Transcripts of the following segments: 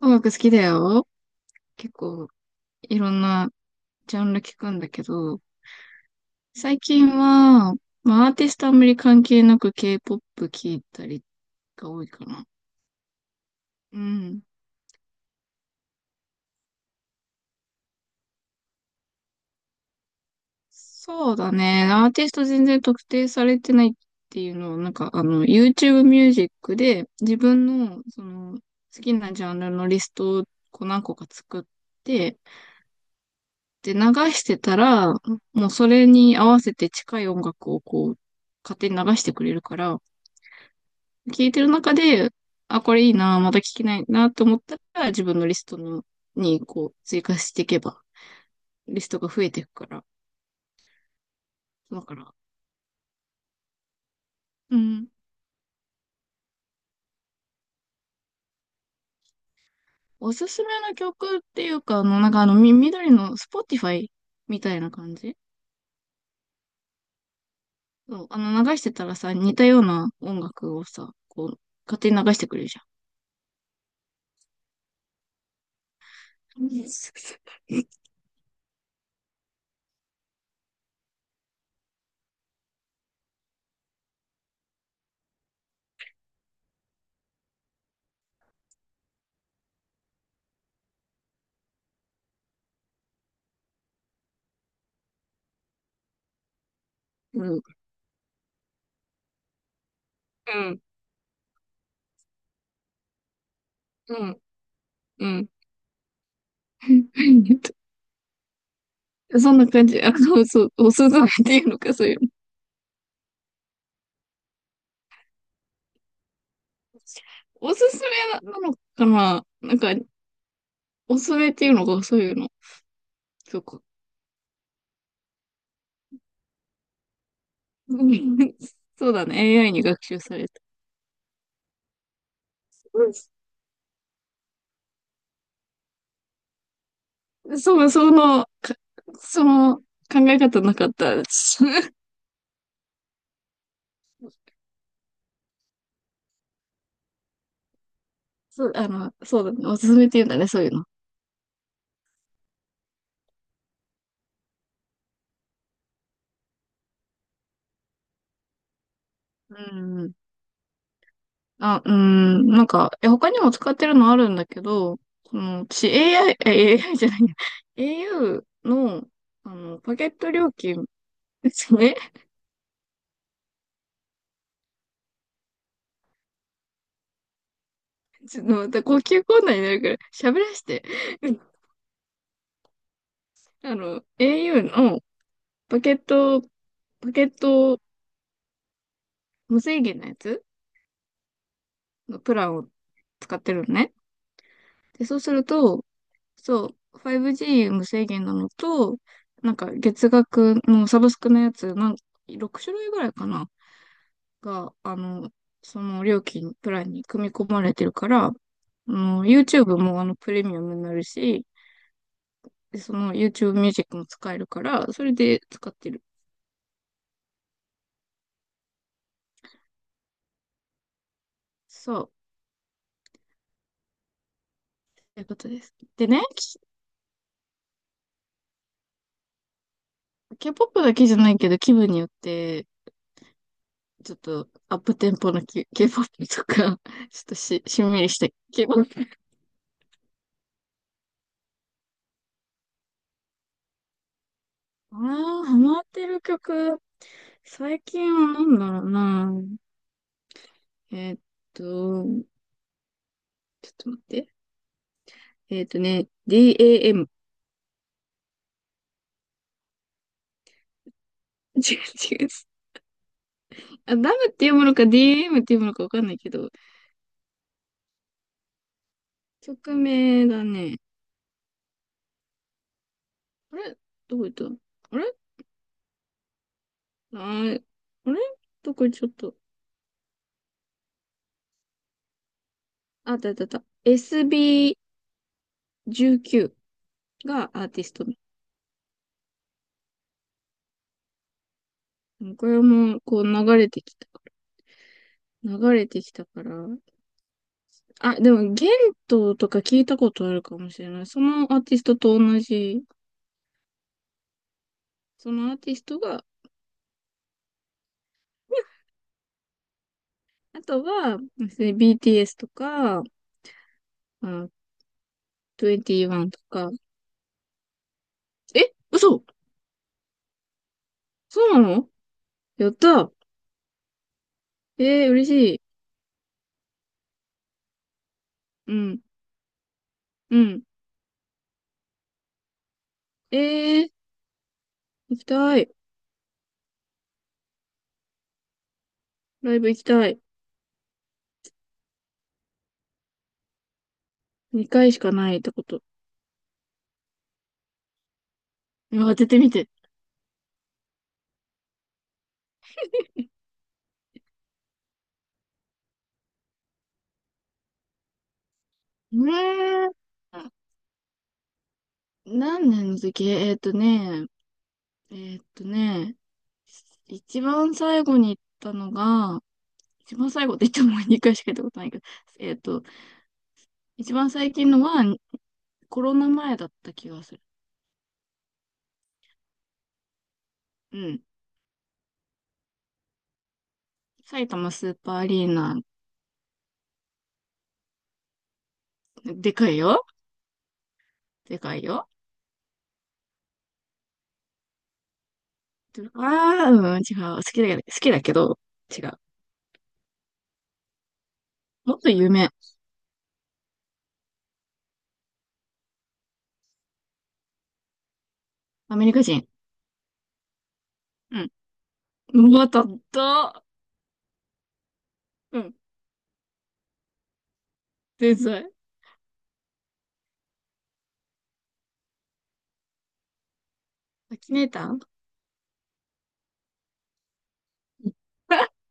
音楽好きだよ。結構いろんなジャンル聞くんだけど、最近は、アーティストあんまり関係なく K-POP 聞いたりが多いかな。うん。そうだね。アーティスト全然特定されてないっていうのは、YouTube ミュージックで自分のその好きなジャンルのリストをこう何個か作って、で、流してたら、もうそれに合わせて近い音楽をこう、勝手に流してくれるから、聞いてる中で、あ、これいいな、まだ聞きないなと思ったら、自分のリストのにこう追加していけば、リストが増えていくから。だから、うん。おすすめの曲っていうか、緑の Spotify みたいな感じ。そう、あの、流してたらさ、似たような音楽をさ、こう、勝手に流してくれるじゃん。うん。うん。うん。うん。そんな感じ。あの、そう、おすすめっていうのか、そういうの。おすすめなのかな、おすすめっていうのがそういうの。そうか。うん。そうだね。AI に学習された。うん。そう、その考え方なかったです。そう、あの、そうだね。おすすめっていうんだね、そういうの。うん。あ、うん。なんか、え、他にも使ってるのあるんだけど、その、私 AI、AI じゃないや、au の、あの、パケット料金ですね。 ちょっとまた呼吸困難になるから、喋らして。うん。あの、au の、バケット、バケット無制限のやつのプランを使ってるのね。で、そうすると、そう、5G 無制限なのと、なんか月額のサブスクのやつ、6種類ぐらいかな、が、あの、その料金、プランに組み込まれてるから、あの、YouTube もあのプレミアムになるし、で、その YouTube ミュージックも使えるから、それで使ってる。そう、ということです。でね、き K-POP だけじゃないけど気分によってちょっとアップテンポの K-POP とか、ちょっとし、しんみりした K-POP。ああ、ハマってる曲。最近は何だろうな。えーっちょっと待って。ね、DAM。違う違う。あ、ダムっていうものか DAM っていうものかわかんないけど、曲名だね。あれどこ行ったあれあーあれどこ行っちゃったあ、あったあったあった。SB19 がアーティストこれも、こう流れてきた。流れてきたから。あ、でも、ゲントとか聞いたことあるかもしれない。そのアーティストと同じ。そのアーティストが、あとは、で BTS とか、あ、21とか。え、嘘そうなのやったえー、嬉しい。うん、うん。えー、行きたい。ライブ行きたい。2回しかないってこと。当ててみて。ねえー、何年の時えーっとね、ね、一番最後に行ったのが、一番最後って言っても2回しか行ったことないけど、えーっと、一番最近のはコロナ前だった気がする。うん。埼玉スーパーアリーナ、でかいよ。でかいよ。ああ、うん、違う。好きだけど、好きだけど、違う。もっと有名。アメリカ人。うん。うまたった。うん。天才。アキネーター。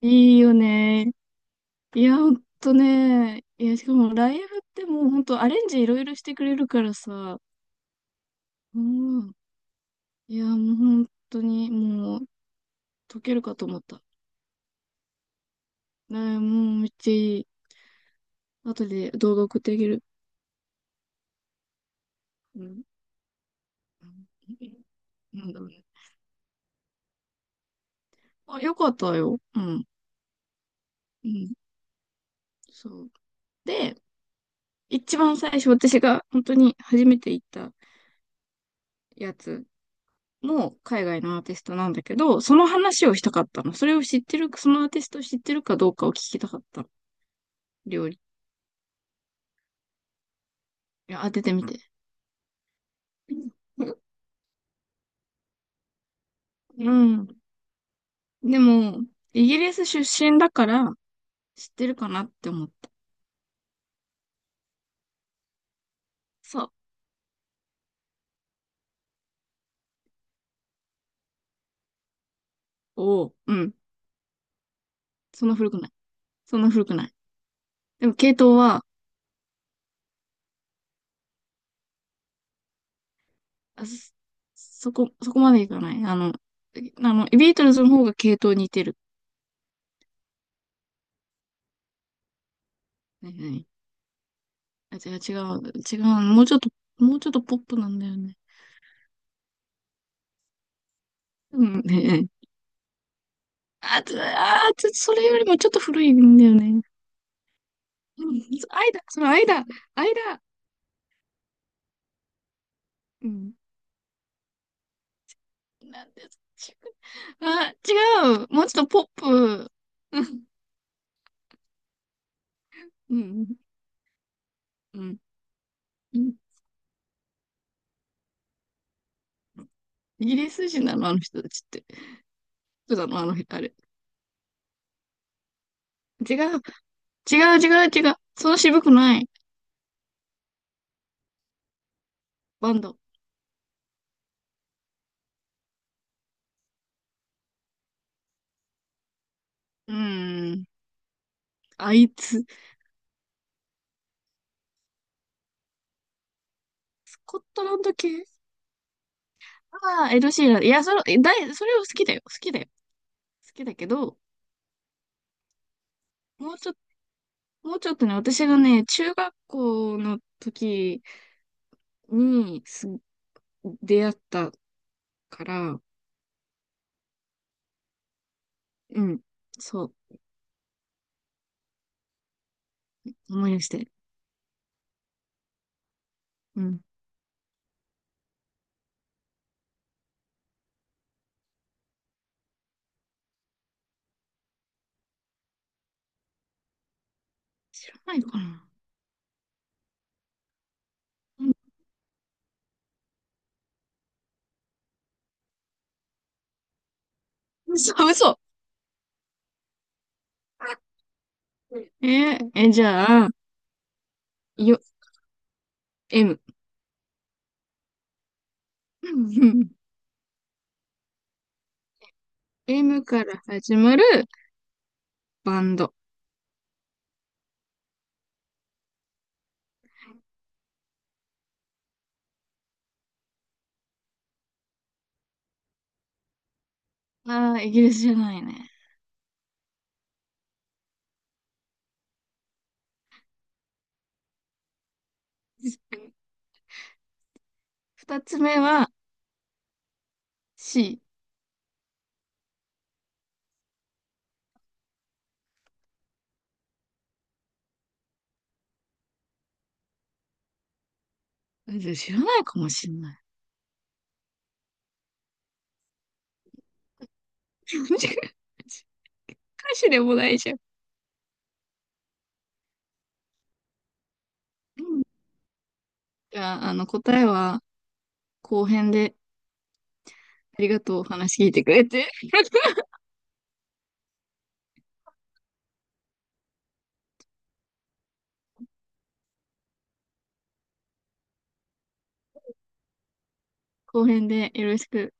いいよね。いや、ほんとね。いや、しかもライブってもうほんとアレンジいろいろしてくれるからさ。うん。いや、もうほんとにもう解けるかと思った。ね、もうめっちゃいい。後で動画送ってあげる。うん。うん。なんだろうね。あ、よかったよ。うん。うん。そう。で、一番最初私が本当に初めて行ったやつも海外のアーティストなんだけど、その話をしたかったの。それを知ってる、そのアーティストを知ってるかどうかを聞きたかったの。料理いや当ててみて。うん。でも、イギリス出身だから知ってるかなって思った。そう。おお、うん。そんな古くない。そんな古くない。でも系統は、あそ、そこまでいかない。あの、ビートルズの方が系統似てる。ねえねえあ、違う。もうちょっと、もうちょっとポップなんだよね。うん、ねえねえあ、つそれよりもちょっと古いんだよね。うん、間、その間、間。うん。なんですちくあ、違う。もうちょっとポップ。うん。うん。うん。イギリス人なの、あの人たちって。そうなの、あの、あれ。違う。違う。そう渋くない。バンド。うーん。あいつ。スコットランド系ああー、エド・シーラン。いや、それ、えだい、それを好きだよ。好きだよ。好きだけど、もうちょっもうちょっとね、私がね、中学校の時にす出会ったから、うん。そう。思い出して。うん。知らないかな。うん。嘘。えーえ、じゃあ、よ、M。M から始まるバンド。ああ、イギリスじゃないね。二つ目は C。知らないかもしんない。歌詞でもないじゃん。じゃあ、あの、答えは後編で、ありがとう、お話聞いてくれて。後編でよろしく。